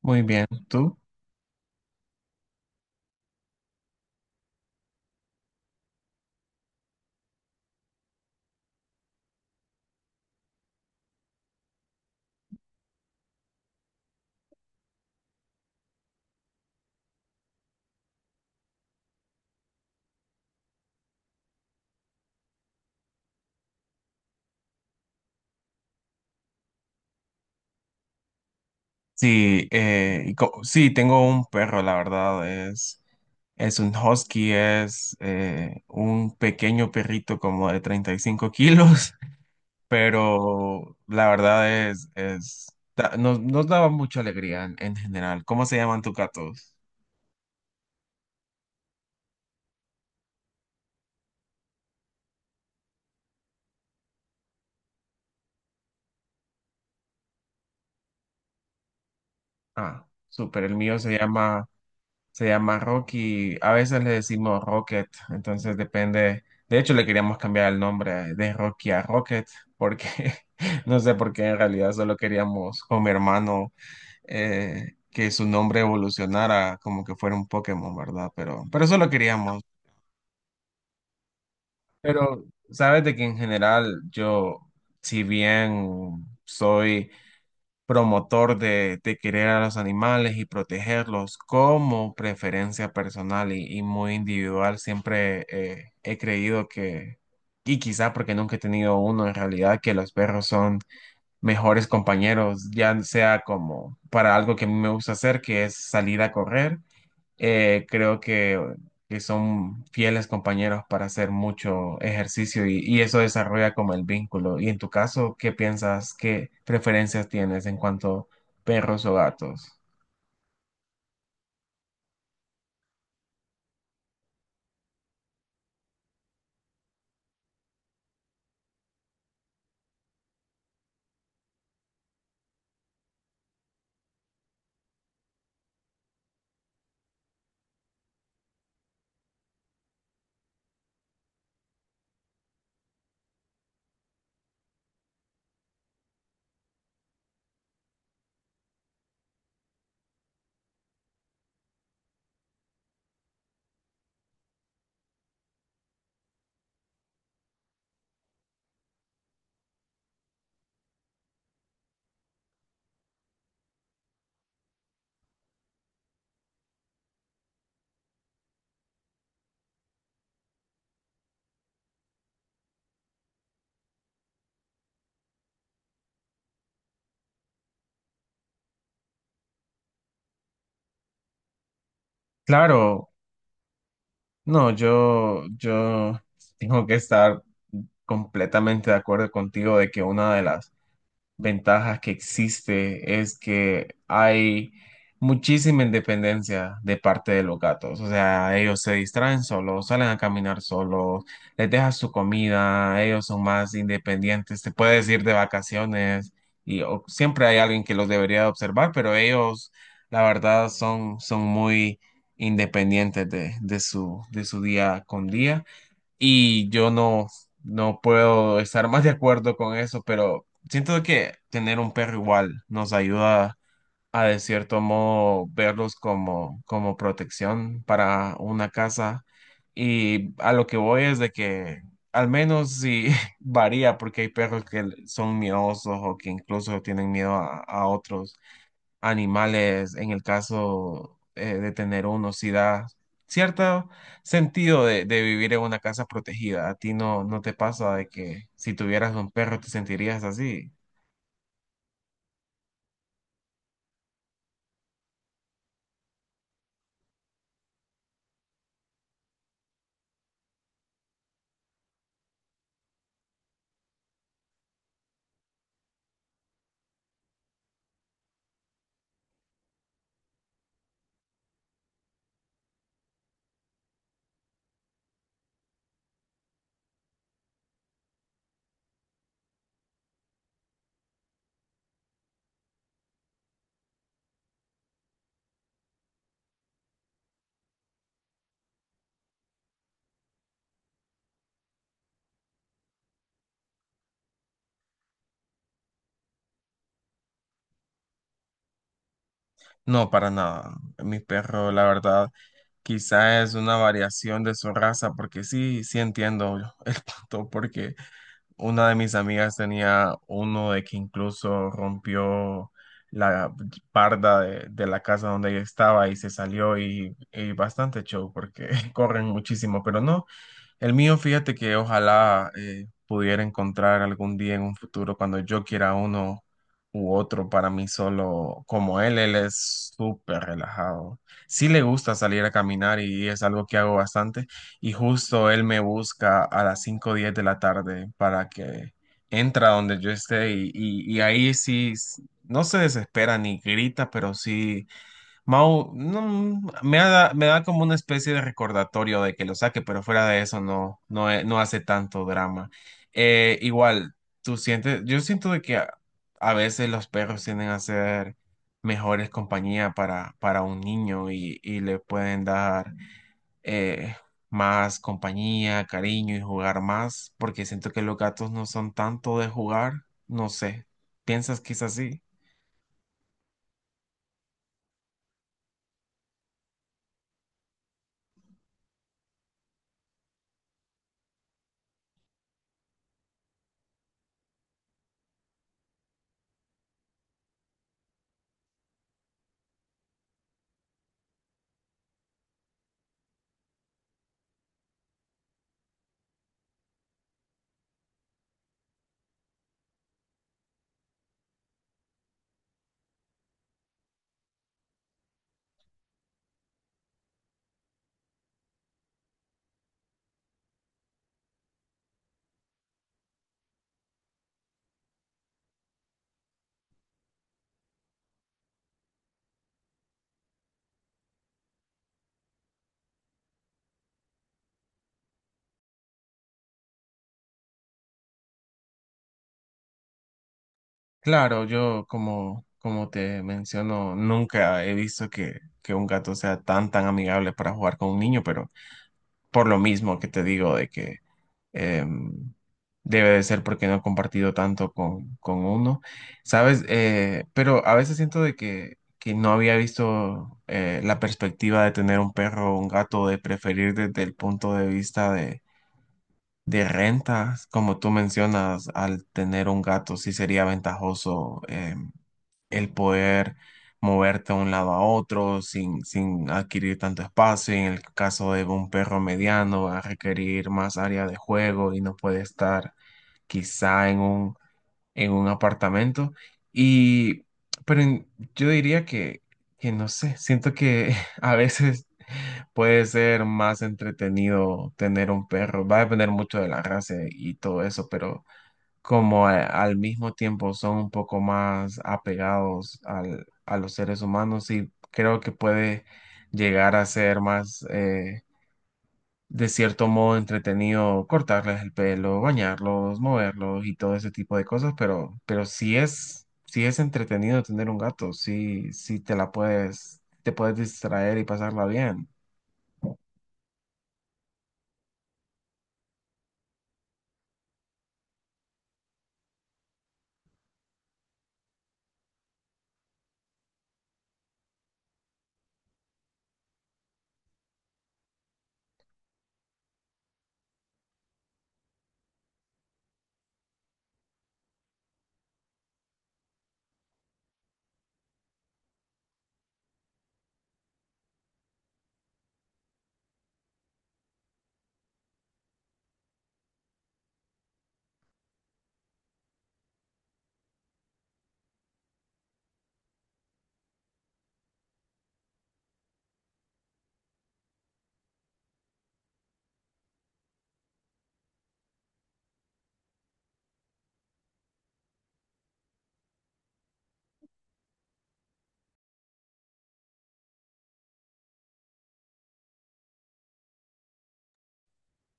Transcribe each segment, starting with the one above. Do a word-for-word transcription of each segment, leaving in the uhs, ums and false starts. Muy bien, ¿tú? Sí, eh, y co- sí, tengo un perro, la verdad, es, es un husky, es eh, un pequeño perrito como de treinta y cinco kilos, pero la verdad es, es da- nos, nos daba mucha alegría en, en general. ¿Cómo se llaman tus gatos? Ah, súper, el mío se llama... Se llama Rocky, a veces le decimos Rocket, entonces depende. De hecho, le queríamos cambiar el nombre de Rocky a Rocket, porque no sé por qué en realidad solo queríamos con mi hermano eh, que su nombre evolucionara como que fuera un Pokémon, ¿verdad? Pero, pero eso lo queríamos. Pero sabes de que en general yo, si bien soy promotor de, de querer a los animales y protegerlos como preferencia personal y, y muy individual. Siempre eh, he creído que, y quizá porque nunca he tenido uno en realidad, que los perros son mejores compañeros, ya sea como para algo que a mí me gusta hacer, que es salir a correr eh, creo que, que son fieles compañeros para hacer mucho ejercicio y, y eso desarrolla como el vínculo. Y en tu caso, ¿qué piensas, qué preferencias tienes en cuanto a perros o gatos? Claro, no, yo, yo tengo que estar completamente de acuerdo contigo de que una de las ventajas que existe es que hay muchísima independencia de parte de los gatos. O sea, ellos se distraen solos, salen a caminar solos, les dejas su comida, ellos son más independientes, te puedes ir de vacaciones y o- siempre hay alguien que los debería de observar, pero ellos, la verdad, son, son muy independientes de, de su, de su día con día. Y yo no, no puedo estar más de acuerdo con eso, pero siento que tener un perro igual nos ayuda a de cierto modo verlos como, como protección para una casa. Y a lo que voy es de que al menos sí varía, porque hay perros que son miedosos o que incluso tienen miedo a, a otros animales en el caso eh, de tener uno, si da cierto sentido de, de vivir en una casa protegida. ¿A ti no, no te pasa de que si tuvieras un perro te sentirías así? No, para nada. Mi perro, la verdad, quizá es una variación de su raza, porque sí, sí entiendo el punto, porque una de mis amigas tenía uno de que incluso rompió la parda de, de la casa donde ella estaba y se salió y, y bastante show porque corren muchísimo, pero no. El mío, fíjate que ojalá eh, pudiera encontrar algún día en un futuro cuando yo quiera uno u otro para mí solo como él. Él es súper relajado. Sí le gusta salir a caminar y es algo que hago bastante. Y justo él me busca a las cinco o diez de la tarde para que entra donde yo esté y, y- y ahí sí s- no se desespera ni grita, pero sí mau, no, me da, me da como una especie de recordatorio de que lo saque, pero fuera de eso no, no, he- no hace tanto drama. Eh, igual, tú sientes, yo siento de que a, a veces los perros tienden a ser mejores compañía para, para un niño y, y le pueden dar eh, más compañía, cariño y jugar más, porque siento que los gatos no son tanto de jugar, no sé, ¿piensas que es así? Claro, yo como, como te menciono, nunca he visto que, que un gato sea tan tan amigable para jugar con un niño, pero por lo mismo que te digo de que em, debe de ser porque no he compartido tanto con, con uno, ¿sabes? Eh, pero a veces siento de que, que no había visto eh, la perspectiva de tener un perro o un gato, de preferir desde el punto de vista de de renta como tú mencionas, al tener un gato sí sería ventajoso eh, el poder moverte de un lado a otro sin, sin adquirir tanto espacio. Y en el caso de un perro mediano va a requerir más área de juego y no puede estar quizá en un en un apartamento. Y, pero en- yo diría que, que no sé, siento que a veces puede ser más entretenido tener un perro. Va a depender mucho de la raza y todo eso, pero como a- al mismo tiempo son un poco más apegados al- a los seres humanos y creo que puede llegar a ser más... eh, de cierto modo entretenido cortarles el pelo, bañarlos, moverlos y todo ese tipo de cosas, pero, pero sí es, sí es entretenido tener un gato, sí, sí te la puedes, te puedes distraer y pasarla bien.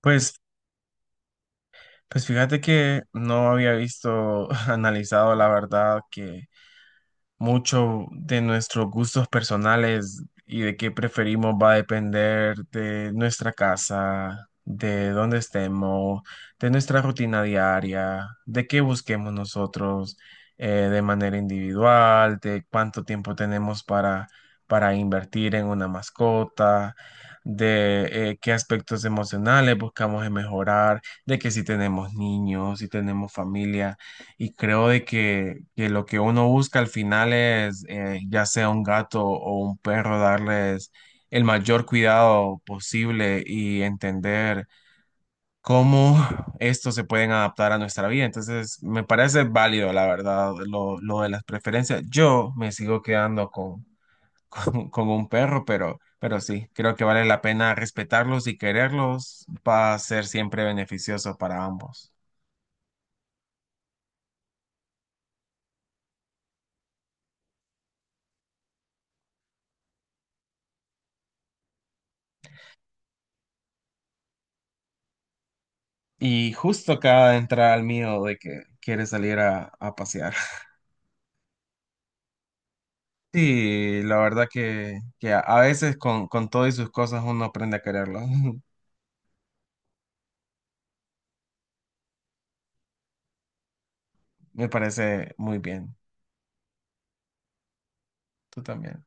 Pues Pues fíjate que no había visto, analizado la verdad que, mucho de nuestros gustos personales y de qué preferimos va a depender de nuestra casa, de dónde estemos, de nuestra rutina diaria, de qué busquemos nosotros eh, de manera individual, de cuánto tiempo tenemos para, para invertir en una mascota. De eh, qué aspectos emocionales buscamos en mejorar, de que si tenemos niños, si tenemos familia. Y creo de que, que lo que uno busca al final es, eh, ya sea un gato o un perro, darles el mayor cuidado posible y entender cómo estos se pueden adaptar a nuestra vida. Entonces, me parece válido, la verdad, lo, lo de las preferencias. Yo me sigo quedando con, con, con un perro, pero, pero sí, creo que vale la pena respetarlos y quererlos. Va a ser siempre beneficioso para ambos. Y justo acaba de entrar al mío de que quiere salir a, a pasear. Sí, la verdad que, que a a veces con, con todo y sus cosas uno aprende a quererlo. Me parece muy bien. Tú también.